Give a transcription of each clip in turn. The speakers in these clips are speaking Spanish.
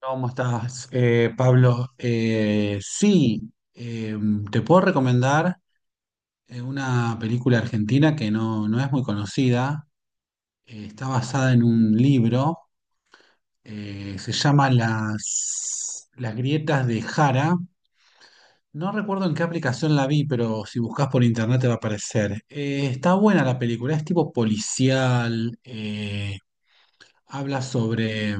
¿Cómo estás, Pablo? Sí, te puedo recomendar una película argentina que no es muy conocida. Está basada en un libro. Se llama Las grietas de Jara. No recuerdo en qué aplicación la vi, pero si buscas por internet te va a aparecer. Está buena la película, es tipo policial. Habla sobre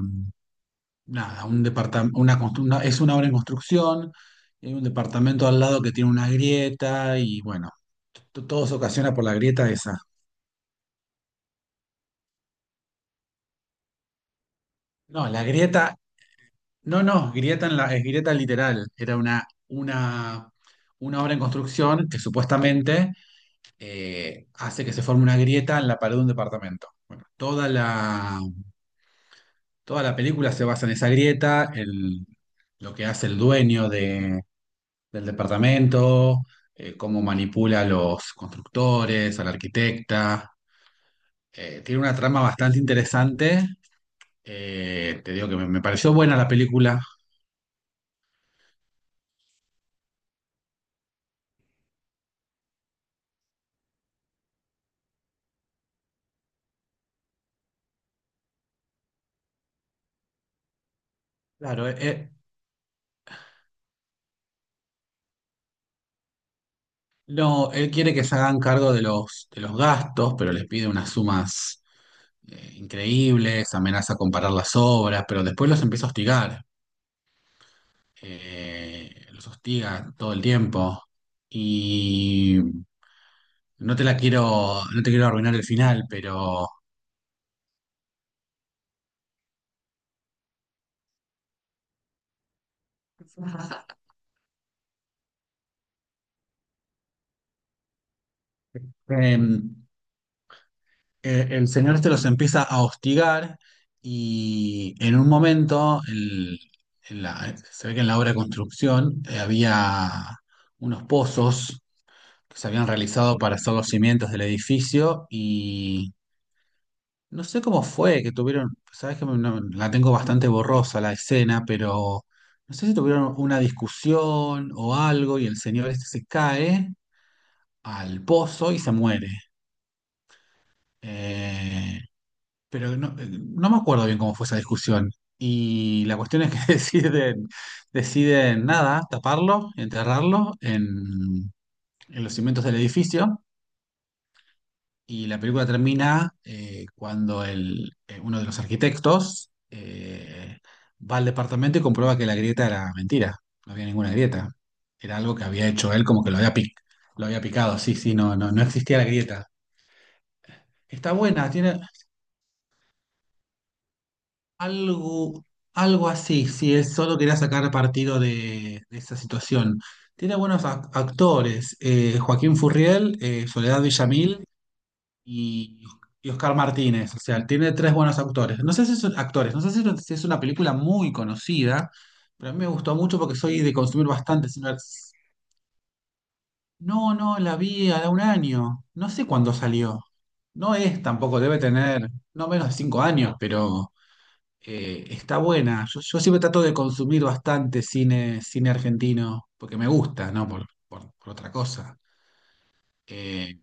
nada, un departamento, es una obra en construcción, y hay un departamento al lado que tiene una grieta y bueno, todo se ocasiona por la grieta esa. No, la grieta, no, no, grieta en la, es grieta literal, era una obra en construcción que supuestamente hace que se forme una grieta en la pared de un departamento. Bueno, toda la película se basa en esa grieta, en lo que hace el dueño del departamento, cómo manipula a los constructores, a la arquitecta. Tiene una trama bastante interesante. Te digo que me pareció buena la película. Claro, no, él quiere que se hagan cargo de los gastos, pero les pide unas sumas increíbles, amenaza con parar las obras, pero después los empieza a hostigar. Los hostiga todo el tiempo. Y no te la quiero, no te quiero arruinar el final, pero em, el señor este los empieza a hostigar y en un momento se ve que en la obra de construcción había unos pozos que se habían realizado para hacer los cimientos del edificio y no sé cómo fue que tuvieron, sabes que la tengo bastante borrosa la escena, pero no sé si tuvieron una discusión o algo y el señor este se cae al pozo y se muere. Eh, Pero no, no me acuerdo bien cómo fue esa discusión. Y la cuestión es que deciden nada, taparlo, enterrarlo en los cimientos del edificio. Y la película termina cuando uno de los arquitectos va al departamento y comprueba que la grieta era mentira. No había ninguna grieta. Era algo que había hecho él, como que lo había picado. Sí, sí, no, no, no existía la grieta. Está buena, tiene, Algo, algo así, si es solo quería sacar partido de esa situación. Tiene buenos actores, Joaquín Furriel, Soledad Villamil y, y Oscar Martínez. O sea, tiene tres buenos actores. No sé si son actores, no sé si es una película muy conocida, pero a mí me gustó mucho porque soy de consumir bastante cine. No, no, la vi hace un año. No sé cuándo salió. No es tampoco, debe tener no menos de 5 años, pero está buena. Yo siempre trato de consumir bastante cine, cine argentino, porque me gusta, ¿no? Por otra cosa. Eh,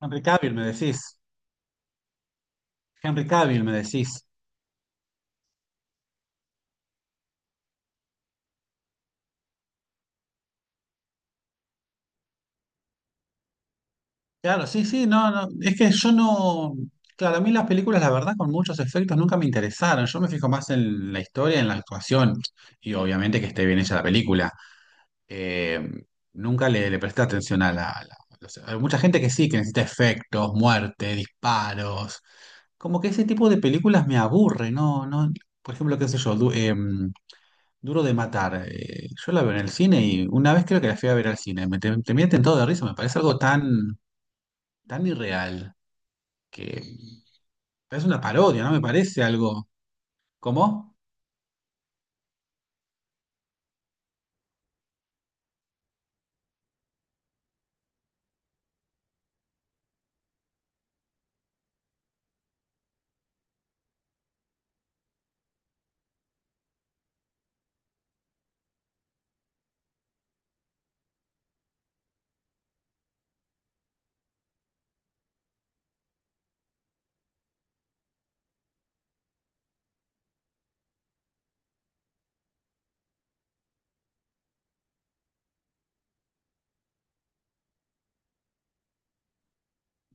Henry Cavill, me decís. Henry Cavill, me decís. Claro, sí, sí, no, no. Es que yo no. Claro, a mí las películas, la verdad, con muchos efectos nunca me interesaron. Yo me fijo más en la historia, en la actuación. Y obviamente que esté bien hecha la película. eh, nunca le presté atención. Hay mucha gente que sí, que necesita efectos, muerte, disparos. Como que ese tipo de películas me aburre, ¿no? No, por ejemplo, qué sé yo, Duro de Matar. Yo la veo en el cine y una vez creo que la fui a ver al cine. Me terminé tentado de risa, me parece algo tan, tan irreal que es una parodia, ¿no? Me parece algo. ¿Cómo?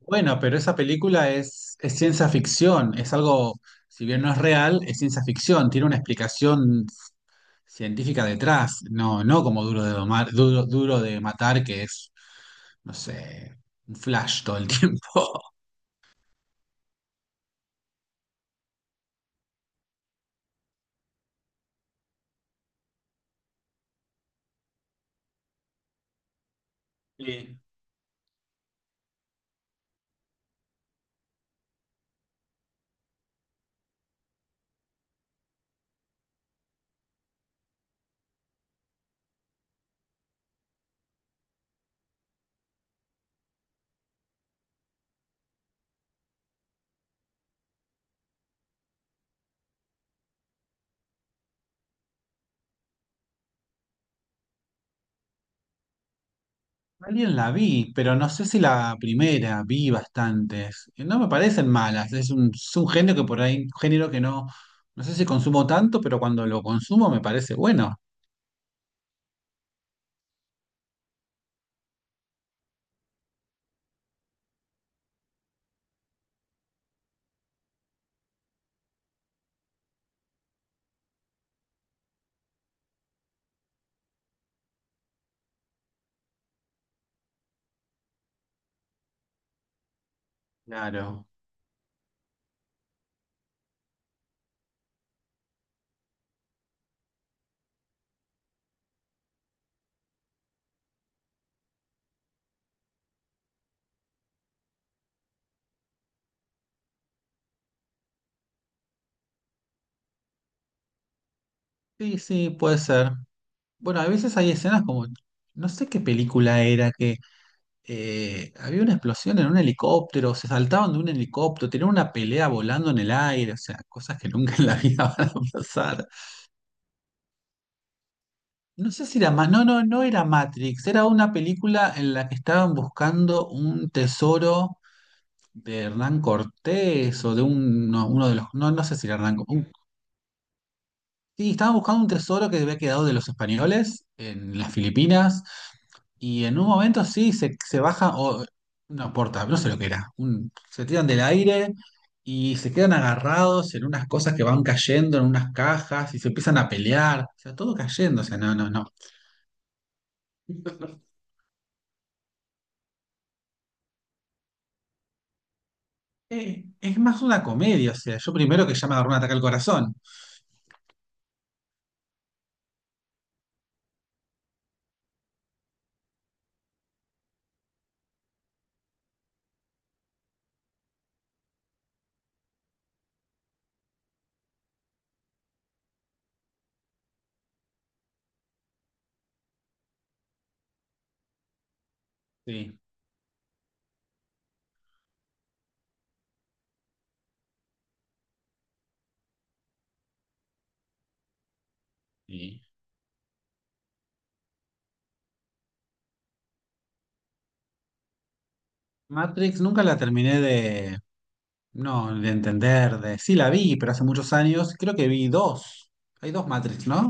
Bueno, pero esa película es ciencia ficción, es algo, si bien no es real, es ciencia ficción, tiene una explicación científica detrás, no como Duro de domar, duro de matar, que es, no sé, un flash todo el tiempo. Sí. Alguien la vi, pero no sé si la primera, vi bastantes. Y no me parecen malas, es un género que por ahí, un género que no sé si consumo tanto, pero cuando lo consumo me parece bueno. Claro. Sí, sí, puede ser. Bueno, a veces hay escenas como, no sé qué película era, que había una explosión en un helicóptero, se saltaban de un helicóptero, tenían una pelea volando en el aire, o sea, cosas que nunca en la vida van a pasar. No sé si era más, no, no, no era Matrix, era una película en la que estaban buscando un tesoro de Hernán Cortés o no, uno de los, no, no sé si era Hernán Cortés. Sí, estaban buscando un tesoro que había quedado de los españoles en las Filipinas. Y en un momento sí, se baja, o no importa, no sé lo que era, se tiran del aire y se quedan agarrados en unas cosas que van cayendo, en unas cajas, y se empiezan a pelear, o sea, todo cayendo, o sea, no, no, no. Es más una comedia, o sea, yo primero que ya me agarró un ataque al corazón. Sí, sí. Matrix nunca la terminé de, no, de entender, de, sí la vi, pero hace muchos años, creo que vi dos. Hay dos Matrix, ¿no?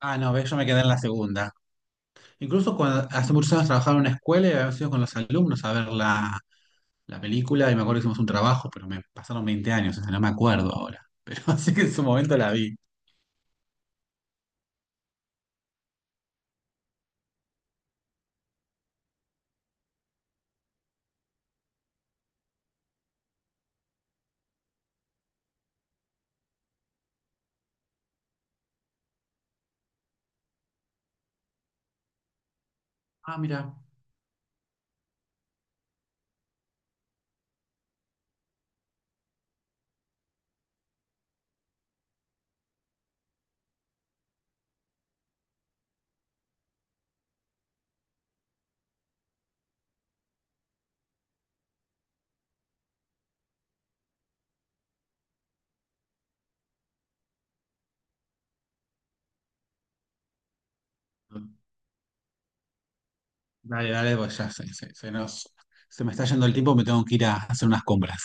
Ah, no, ves, yo me quedé en la segunda. Incluso cuando hace muchos años trabajaba en una escuela y habíamos ido con los alumnos a ver la película y me acuerdo que hicimos un trabajo, pero me pasaron 20 años, o sea, no me acuerdo ahora. Pero así que en su momento la vi. Ah, mira. Dale, dale, pues ya se nos, se me está yendo el tiempo, me tengo que ir a hacer unas compras.